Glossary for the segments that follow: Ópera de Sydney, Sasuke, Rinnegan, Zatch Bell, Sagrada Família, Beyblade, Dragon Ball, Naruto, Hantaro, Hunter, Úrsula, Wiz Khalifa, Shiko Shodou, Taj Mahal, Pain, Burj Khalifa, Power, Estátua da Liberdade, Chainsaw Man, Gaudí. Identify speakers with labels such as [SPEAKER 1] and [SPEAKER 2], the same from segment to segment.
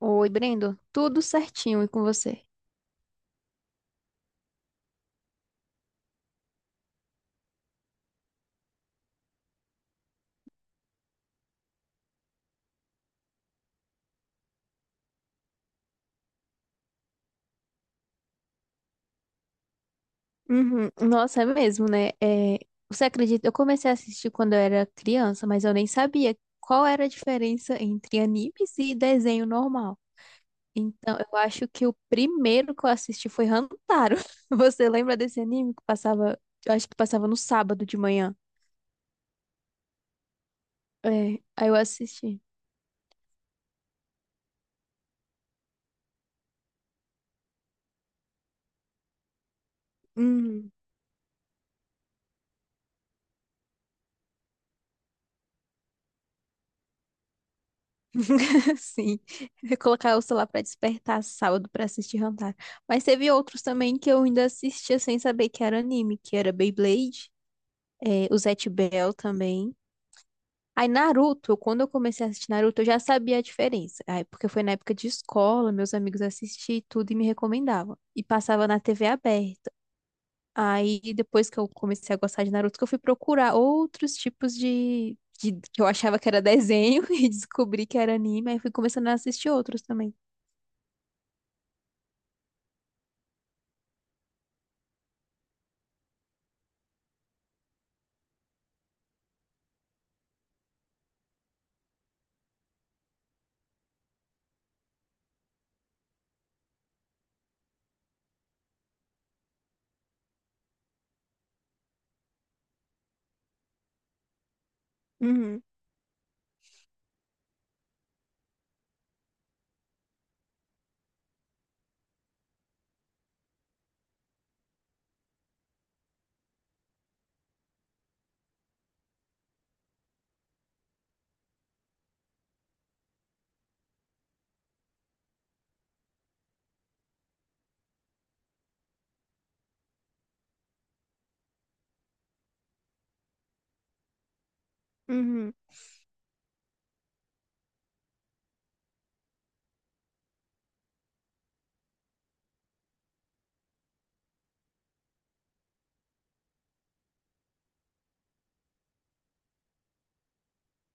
[SPEAKER 1] Oi, Brendo. Tudo certinho e com você? Uhum. Nossa, é mesmo, né? Você acredita? Eu comecei a assistir quando eu era criança, mas eu nem sabia qual era a diferença entre animes e desenho normal. Então, eu acho que o primeiro que eu assisti foi Hantaro. Você lembra desse anime que passava? Eu acho que passava no sábado de manhã. É, aí eu assisti. Sim, eu ia colocar o celular pra despertar sábado pra assistir Hunter. Mas teve outros também que eu ainda assistia sem saber que era anime, que era Beyblade, o Zatch Bell também. Aí Naruto, quando eu comecei a assistir Naruto, eu já sabia a diferença. Aí, porque foi na época de escola, meus amigos assistiam e tudo e me recomendavam. E passava na TV aberta. Aí depois que eu comecei a gostar de Naruto, que eu fui procurar outros tipos que eu achava que era desenho e descobri que era anime, aí fui começando a assistir outros também. Uhum, uhum,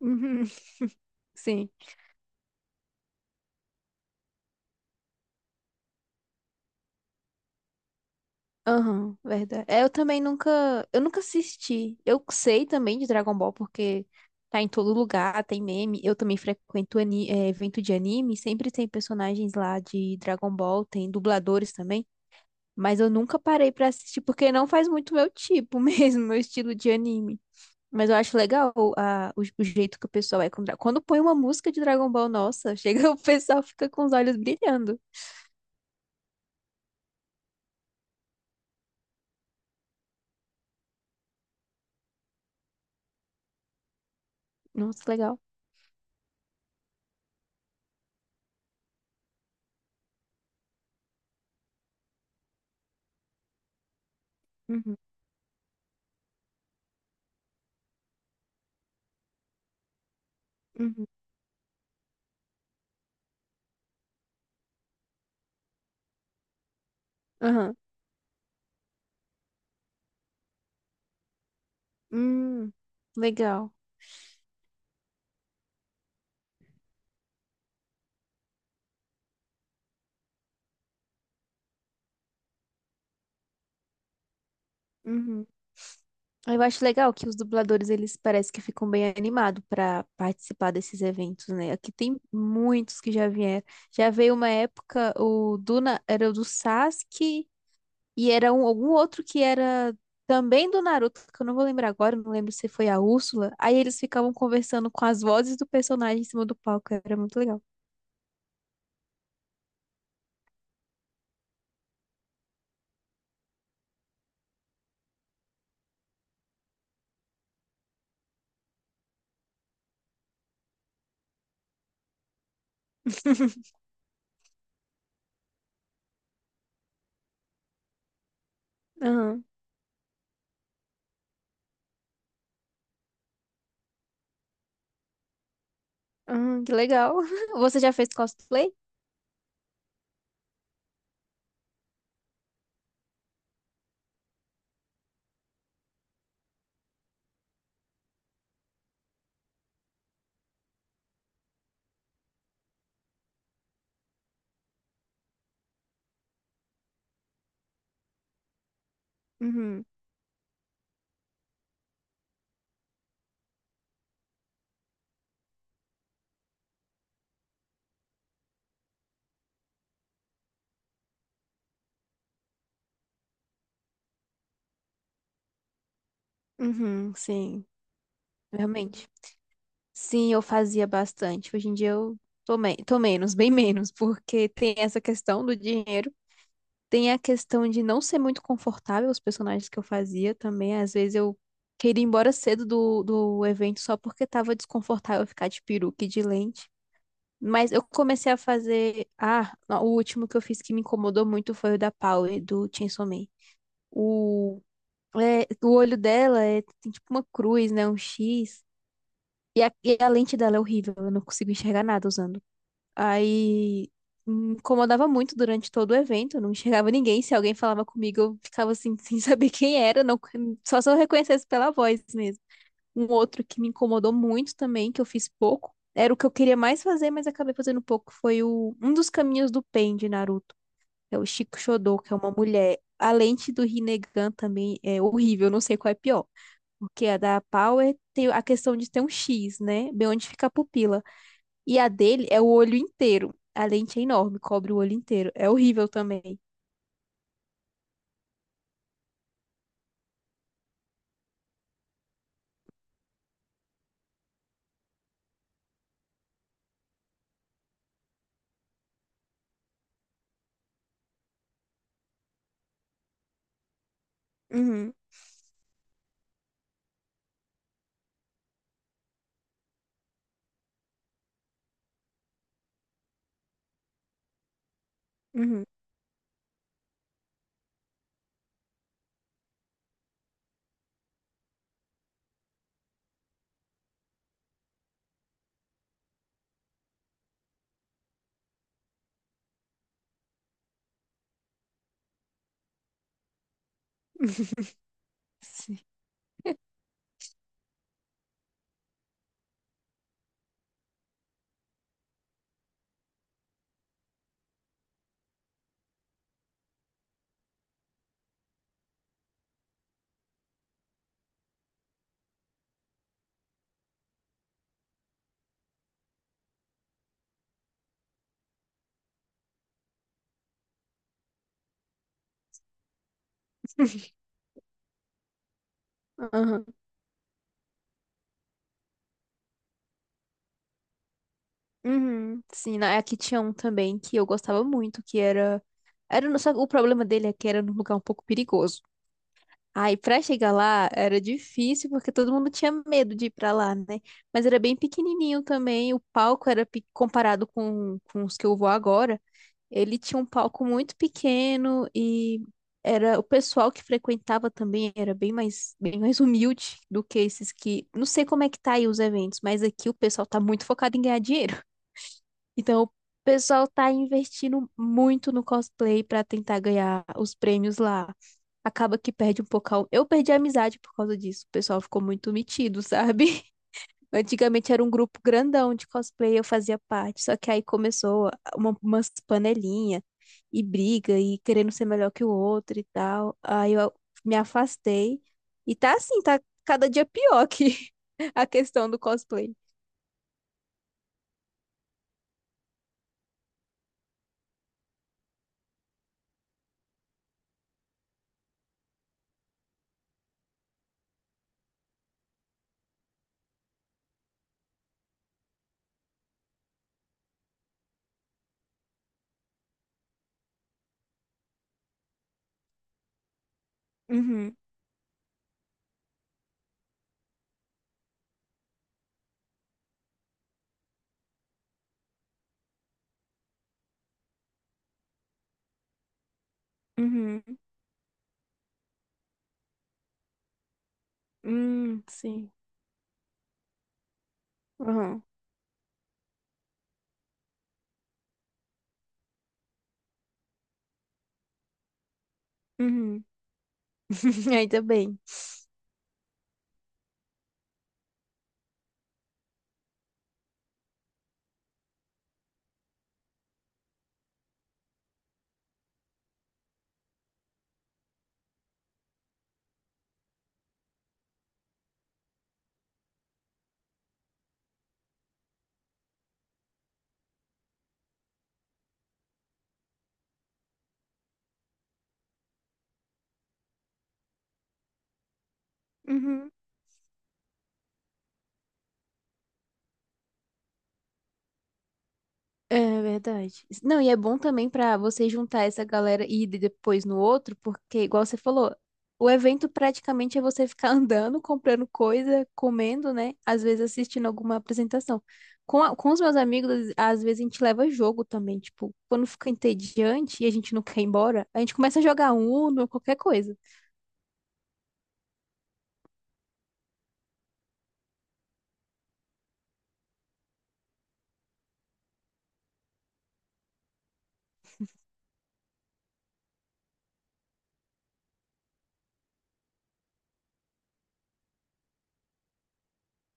[SPEAKER 1] uhum. Sim. Aham, verdade. Eu nunca assisti. Eu sei também de Dragon Ball porque tá em todo lugar, tem meme. Eu também é, evento de anime, sempre tem personagens lá de Dragon Ball, tem dubladores também. Mas eu nunca parei pra assistir, porque não faz muito meu tipo mesmo, meu estilo de anime. Mas eu acho legal o jeito que o pessoal é. Quando põe uma música de Dragon Ball, nossa, chega, o pessoal fica com os olhos brilhando. Nossa, legal. Uhum, uhum, aham. Hum, legal. Uhum. Eu acho legal que os dubladores, eles parecem que ficam bem animados pra participar desses eventos, né? Aqui tem muitos que já vieram. Já veio uma época, o Duna era o do Sasuke. E era um, algum outro que era também do Naruto, que eu não vou lembrar agora, não lembro se foi a Úrsula. Aí eles ficavam conversando com as vozes do personagem em cima do palco, era muito legal. Aham, aham, que legal. Você já fez cosplay? Uhum, uhum, sim. Realmente. Sim, eu fazia bastante. Hoje em dia eu tô menos, bem menos, porque tem essa questão do dinheiro. Tem a questão de não ser muito confortável os personagens que eu fazia também. Às vezes eu queria ir embora cedo do evento só porque tava desconfortável ficar de peruca e de lente. Mas eu comecei a fazer. Ah, o último que eu fiz que me incomodou muito foi o da Power, do Chainsaw Man. O, o olho dela é, tem tipo uma cruz, né? Um X. E a lente dela é horrível. Eu não consigo enxergar nada usando. Aí me incomodava muito durante todo o evento, eu não enxergava ninguém. Se alguém falava comigo, eu ficava assim, sem saber quem era, não, só se eu reconhecesse pela voz mesmo. Um outro que me incomodou muito também, que eu fiz pouco, era o que eu queria mais fazer, mas acabei fazendo pouco, foi o, um dos caminhos do Pain de Naruto, é o Shiko Shodou, que é uma mulher. A lente do Rinnegan também é horrível, eu não sei qual é pior. Porque a da Power tem a questão de ter um X, né? Bem onde fica a pupila. E a dele é o olho inteiro. A lente é enorme, cobre o olho inteiro. É horrível também. Uhum, uhum, sim. Aham. Uhum. Sim, aqui tinha um também que eu gostava muito, que era. Só que o problema dele é que era num lugar um pouco perigoso. Aí, pra chegar lá, era difícil, porque todo mundo tinha medo de ir pra lá, né? Mas era bem pequenininho também, o palco era pe- comparado com os que eu vou agora. Ele tinha um palco muito pequeno e era o pessoal que frequentava também era bem mais humilde do que esses que não sei como é que tá aí os eventos, mas aqui o pessoal tá muito focado em ganhar dinheiro. Então o pessoal tá investindo muito no cosplay para tentar ganhar os prêmios lá. Acaba que perde um pouco. Eu perdi a amizade por causa disso. O pessoal ficou muito metido, sabe? Antigamente era um grupo grandão de cosplay, eu fazia parte. Só que aí começou umas panelinhas e briga e querendo ser melhor que o outro e tal. Aí eu me afastei. E tá assim, tá cada dia pior que a questão do cosplay. Uhum, uhum, sim. Uhum, uhum, Ainda bem. Uhum. É verdade. Não, e é bom também pra você juntar essa galera e ir depois no outro, porque, igual você falou, o evento praticamente é você ficar andando, comprando coisa, comendo, né? Às vezes assistindo alguma apresentação. Com os meus amigos, às vezes a gente leva jogo também. Tipo, quando fica entediante e a gente não quer ir embora, a gente começa a jogar Uno, qualquer coisa.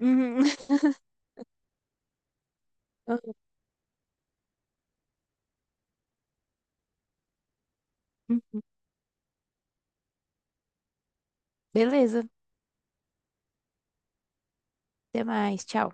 [SPEAKER 1] Uhum. Beleza. Até mais. Tchau.